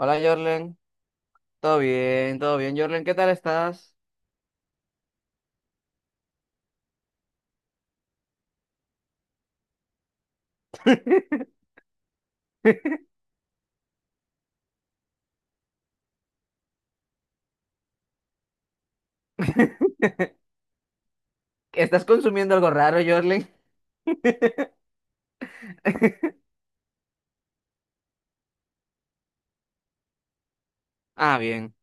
Hola Jorlen, todo bien, todo bien. Jorlen, ¿qué tal estás? ¿Estás consumiendo algo raro, Jorlen? Ah, bien.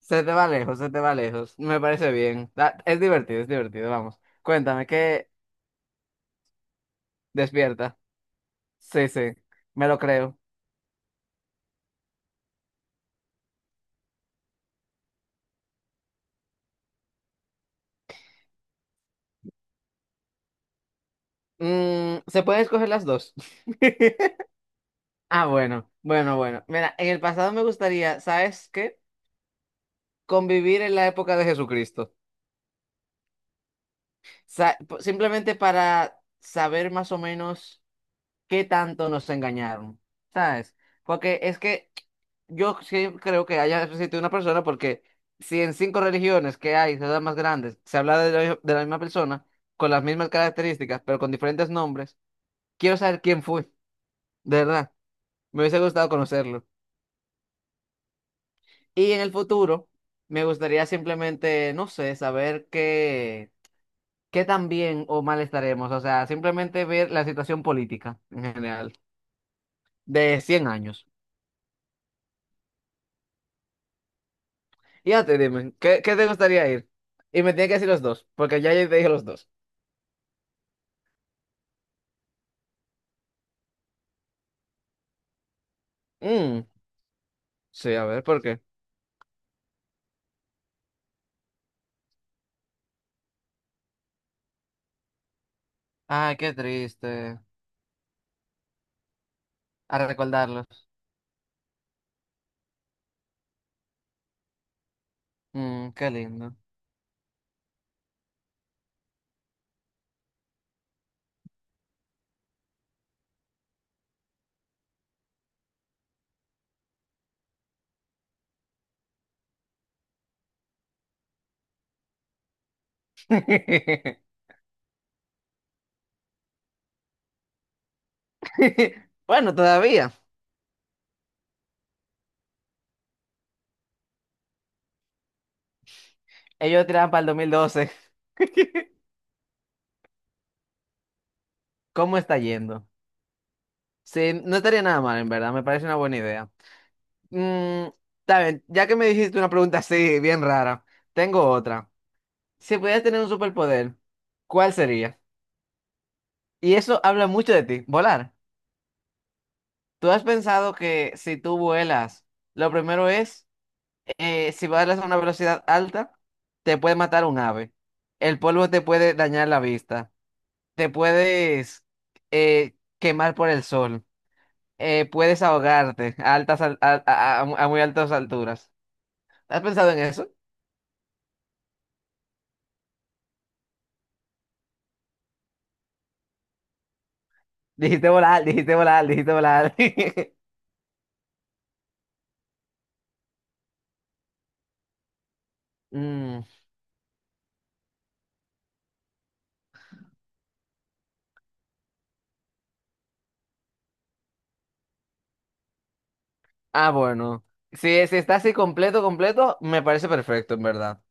Se te va lejos, se te va lejos. Me parece bien. Es divertido, es divertido, vamos. Cuéntame, ¿qué despierta? Sí, sí, me lo creo. ¿Se pueden escoger las dos? Ah, bueno, bueno, bueno. Mira, en el pasado me gustaría, ¿sabes qué? Convivir en la época de Jesucristo. Simplemente para saber más o menos. Qué tanto nos engañaron, ¿sabes? Porque es que yo sí creo que haya existido una persona porque si en cinco religiones que hay, ciudades más grandes, se habla de la misma persona, con las mismas características, pero con diferentes nombres, quiero saber quién fue, de verdad. Me hubiese gustado conocerlo. Y en el futuro, me gustaría simplemente, no sé, saber qué, qué tan bien o mal estaremos. O sea, simplemente ver la situación política en general de 100 años. Y ya te dime, ¿qué, qué te gustaría ir? Y me tienes que decir los dos, porque ya yo te dije los dos. Mm, sí, a ver, ¿por qué? Ay, qué triste. A recordarlos. Mm, qué lindo. Bueno, todavía. Ellos tiran para el 2012. ¿Cómo está yendo? Sí, no estaría nada mal, en verdad. Me parece una buena idea. Mm, Está bien, ya que me dijiste una pregunta así, bien rara, tengo otra. Si pudieras tener un superpoder, ¿cuál sería? Y eso habla mucho de ti, volar. ¿Tú has pensado que si tú vuelas, lo primero es, si vuelas a una velocidad alta, te puede matar un ave. El polvo te puede dañar la vista. Te puedes quemar por el sol. Puedes ahogarte a altas, a muy altas alturas. ¿Has pensado en eso? Dijiste volar, dijiste volar, dijiste volar. Mm. Ah, bueno. Si, si está así completo, completo, me parece perfecto, en verdad.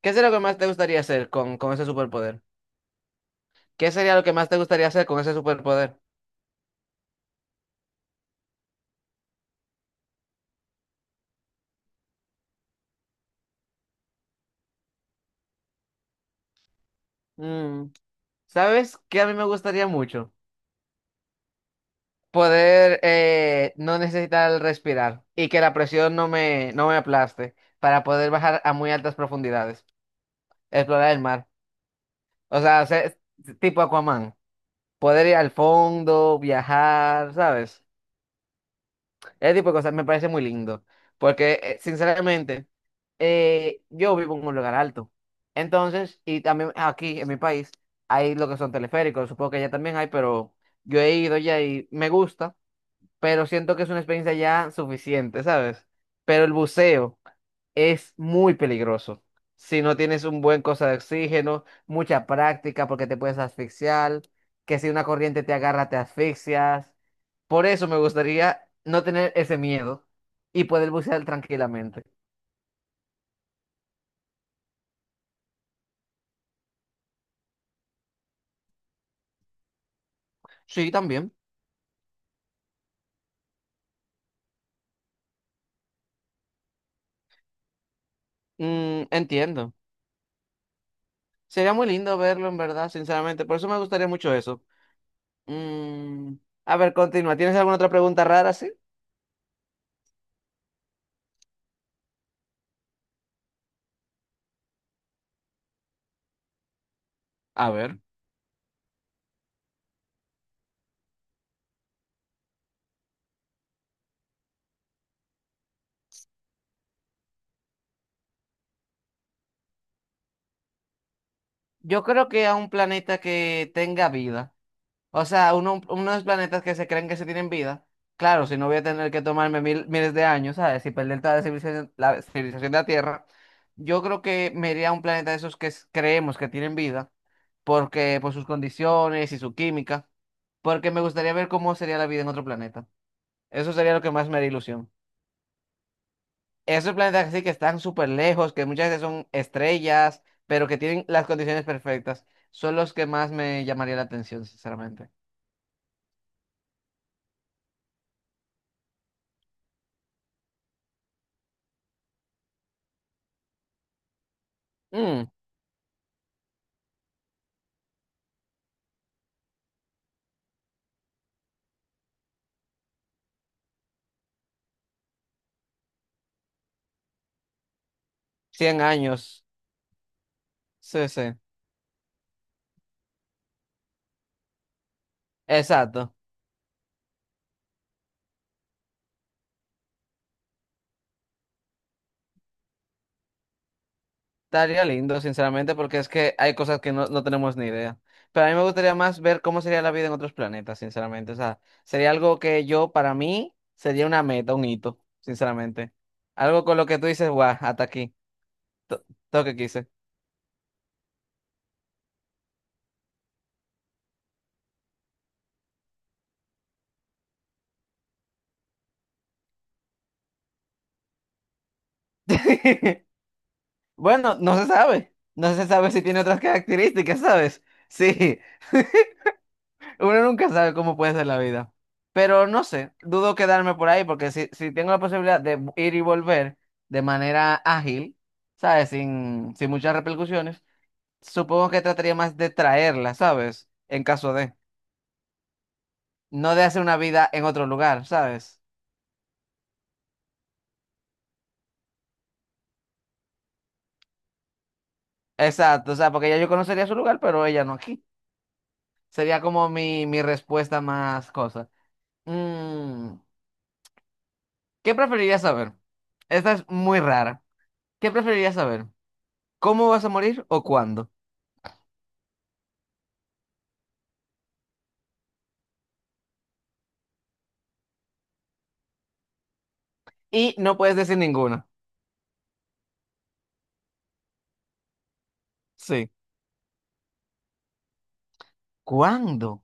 ¿Qué es lo que más te gustaría hacer con ese superpoder? ¿Qué sería lo que más te gustaría hacer con ese superpoder? Mm, ¿Sabes qué a mí me gustaría mucho? Poder no necesitar respirar y que la presión no me aplaste para poder bajar a muy altas profundidades, explorar el mar. O sea, ser tipo Aquaman, poder ir al fondo, viajar, ¿sabes? Ese tipo de cosas me parece muy lindo, porque sinceramente yo vivo en un lugar alto. Entonces, y también aquí en mi país hay lo que son teleféricos, supongo que allá también hay, pero yo he ido ya y me gusta, pero siento que es una experiencia ya suficiente, ¿sabes? Pero el buceo es muy peligroso. Si no tienes un buen cosa de oxígeno, mucha práctica porque te puedes asfixiar, que si una corriente te agarra te asfixias. Por eso me gustaría no tener ese miedo y poder bucear tranquilamente. Sí, también. Mm, entiendo. Sería muy lindo verlo, en verdad, sinceramente. Por eso me gustaría mucho eso. Mm, a ver, continúa. ¿Tienes alguna otra pregunta rara, sí? A ver. Yo creo que a un planeta que tenga vida. O sea, unos planetas que se creen que se tienen vida. Claro, si no voy a tener que tomarme mil, miles de años, ¿sabes? Y perder toda la civilización de la Tierra. Yo creo que me iría a un planeta de esos creemos que tienen vida, porque por sus condiciones y su química, porque me gustaría ver cómo sería la vida en otro planeta. Eso sería lo que más me haría ilusión. Esos planetas así que están súper lejos, que muchas veces son estrellas, pero que tienen las condiciones perfectas, son los que más me llamaría la atención, sinceramente. Mm, 100 años. Sí, sí, exacto. Estaría lindo, sinceramente, porque es que hay cosas que no, no tenemos ni idea. Pero a mí me gustaría más ver cómo sería la vida en otros planetas, sinceramente. O sea, sería algo que yo, para mí, sería una meta, un hito, sinceramente. Algo con lo que tú dices, guau, hasta aquí. To- Todo lo que quise. Bueno, no se sabe. No se sabe si tiene otras características, ¿sabes? Sí. Uno nunca sabe cómo puede ser la vida. Pero no sé, dudo quedarme por ahí porque si, si tengo la posibilidad de ir y volver de manera ágil, ¿sabes? Sin muchas repercusiones, supongo que trataría más de traerla, ¿sabes? En caso de, no de hacer una vida en otro lugar, ¿sabes? Exacto, o sea, porque ya yo conocería su lugar, pero ella no aquí. Sería como mi respuesta más cosa. Mm, ¿Qué preferirías saber? Esta es muy rara. ¿Qué preferirías saber? ¿Cómo vas a morir o cuándo? Y no puedes decir ninguno. Sí. ¿Cuándo?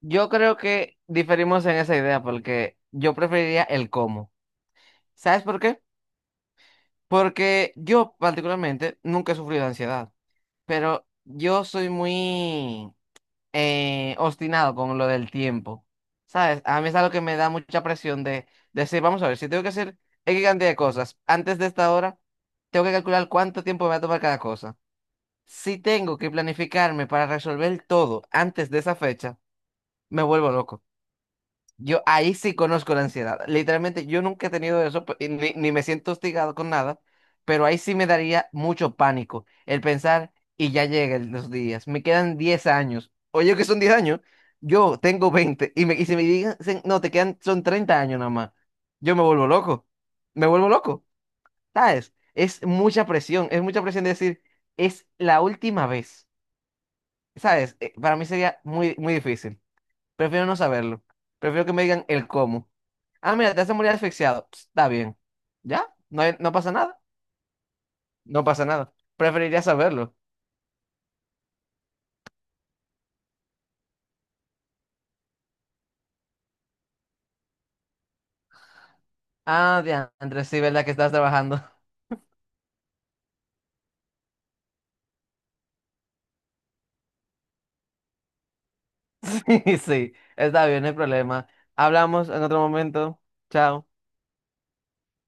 Yo creo que diferimos en esa idea porque yo preferiría el cómo. ¿Sabes por qué? Porque yo particularmente nunca he sufrido de ansiedad, pero yo soy muy obstinado con lo del tiempo. ¿Sabes? A mí es algo que me da mucha presión de decir, vamos a ver, si tengo que hacer X cantidad de cosas antes de esta hora, tengo que calcular cuánto tiempo me va a tomar cada cosa. Si tengo que planificarme para resolver todo antes de esa fecha, me vuelvo loco. Yo ahí sí conozco la ansiedad. Literalmente, yo nunca he tenido eso, y ni me siento hostigado con nada, pero ahí sí me daría mucho pánico el pensar, y ya llegan los días, me quedan 10 años. Oye, que son 10 años, yo tengo 20 y, y si me digan, no, te quedan, son 30 años nada más, yo me vuelvo loco, ¿sabes? Es mucha presión de decir, es la última vez. ¿Sabes? Para mí sería muy, muy difícil. Prefiero no saberlo. Prefiero que me digan el cómo. Ah, mira, te hace morir asfixiado. Ps, está bien. ¿Ya? ¿No, hay- no pasa nada? No pasa nada. Preferiría saberlo. Ah, diantre, sí, ¿verdad que estás trabajando? Sí, sí. Está bien, no hay problema. Hablamos en otro momento. Chao.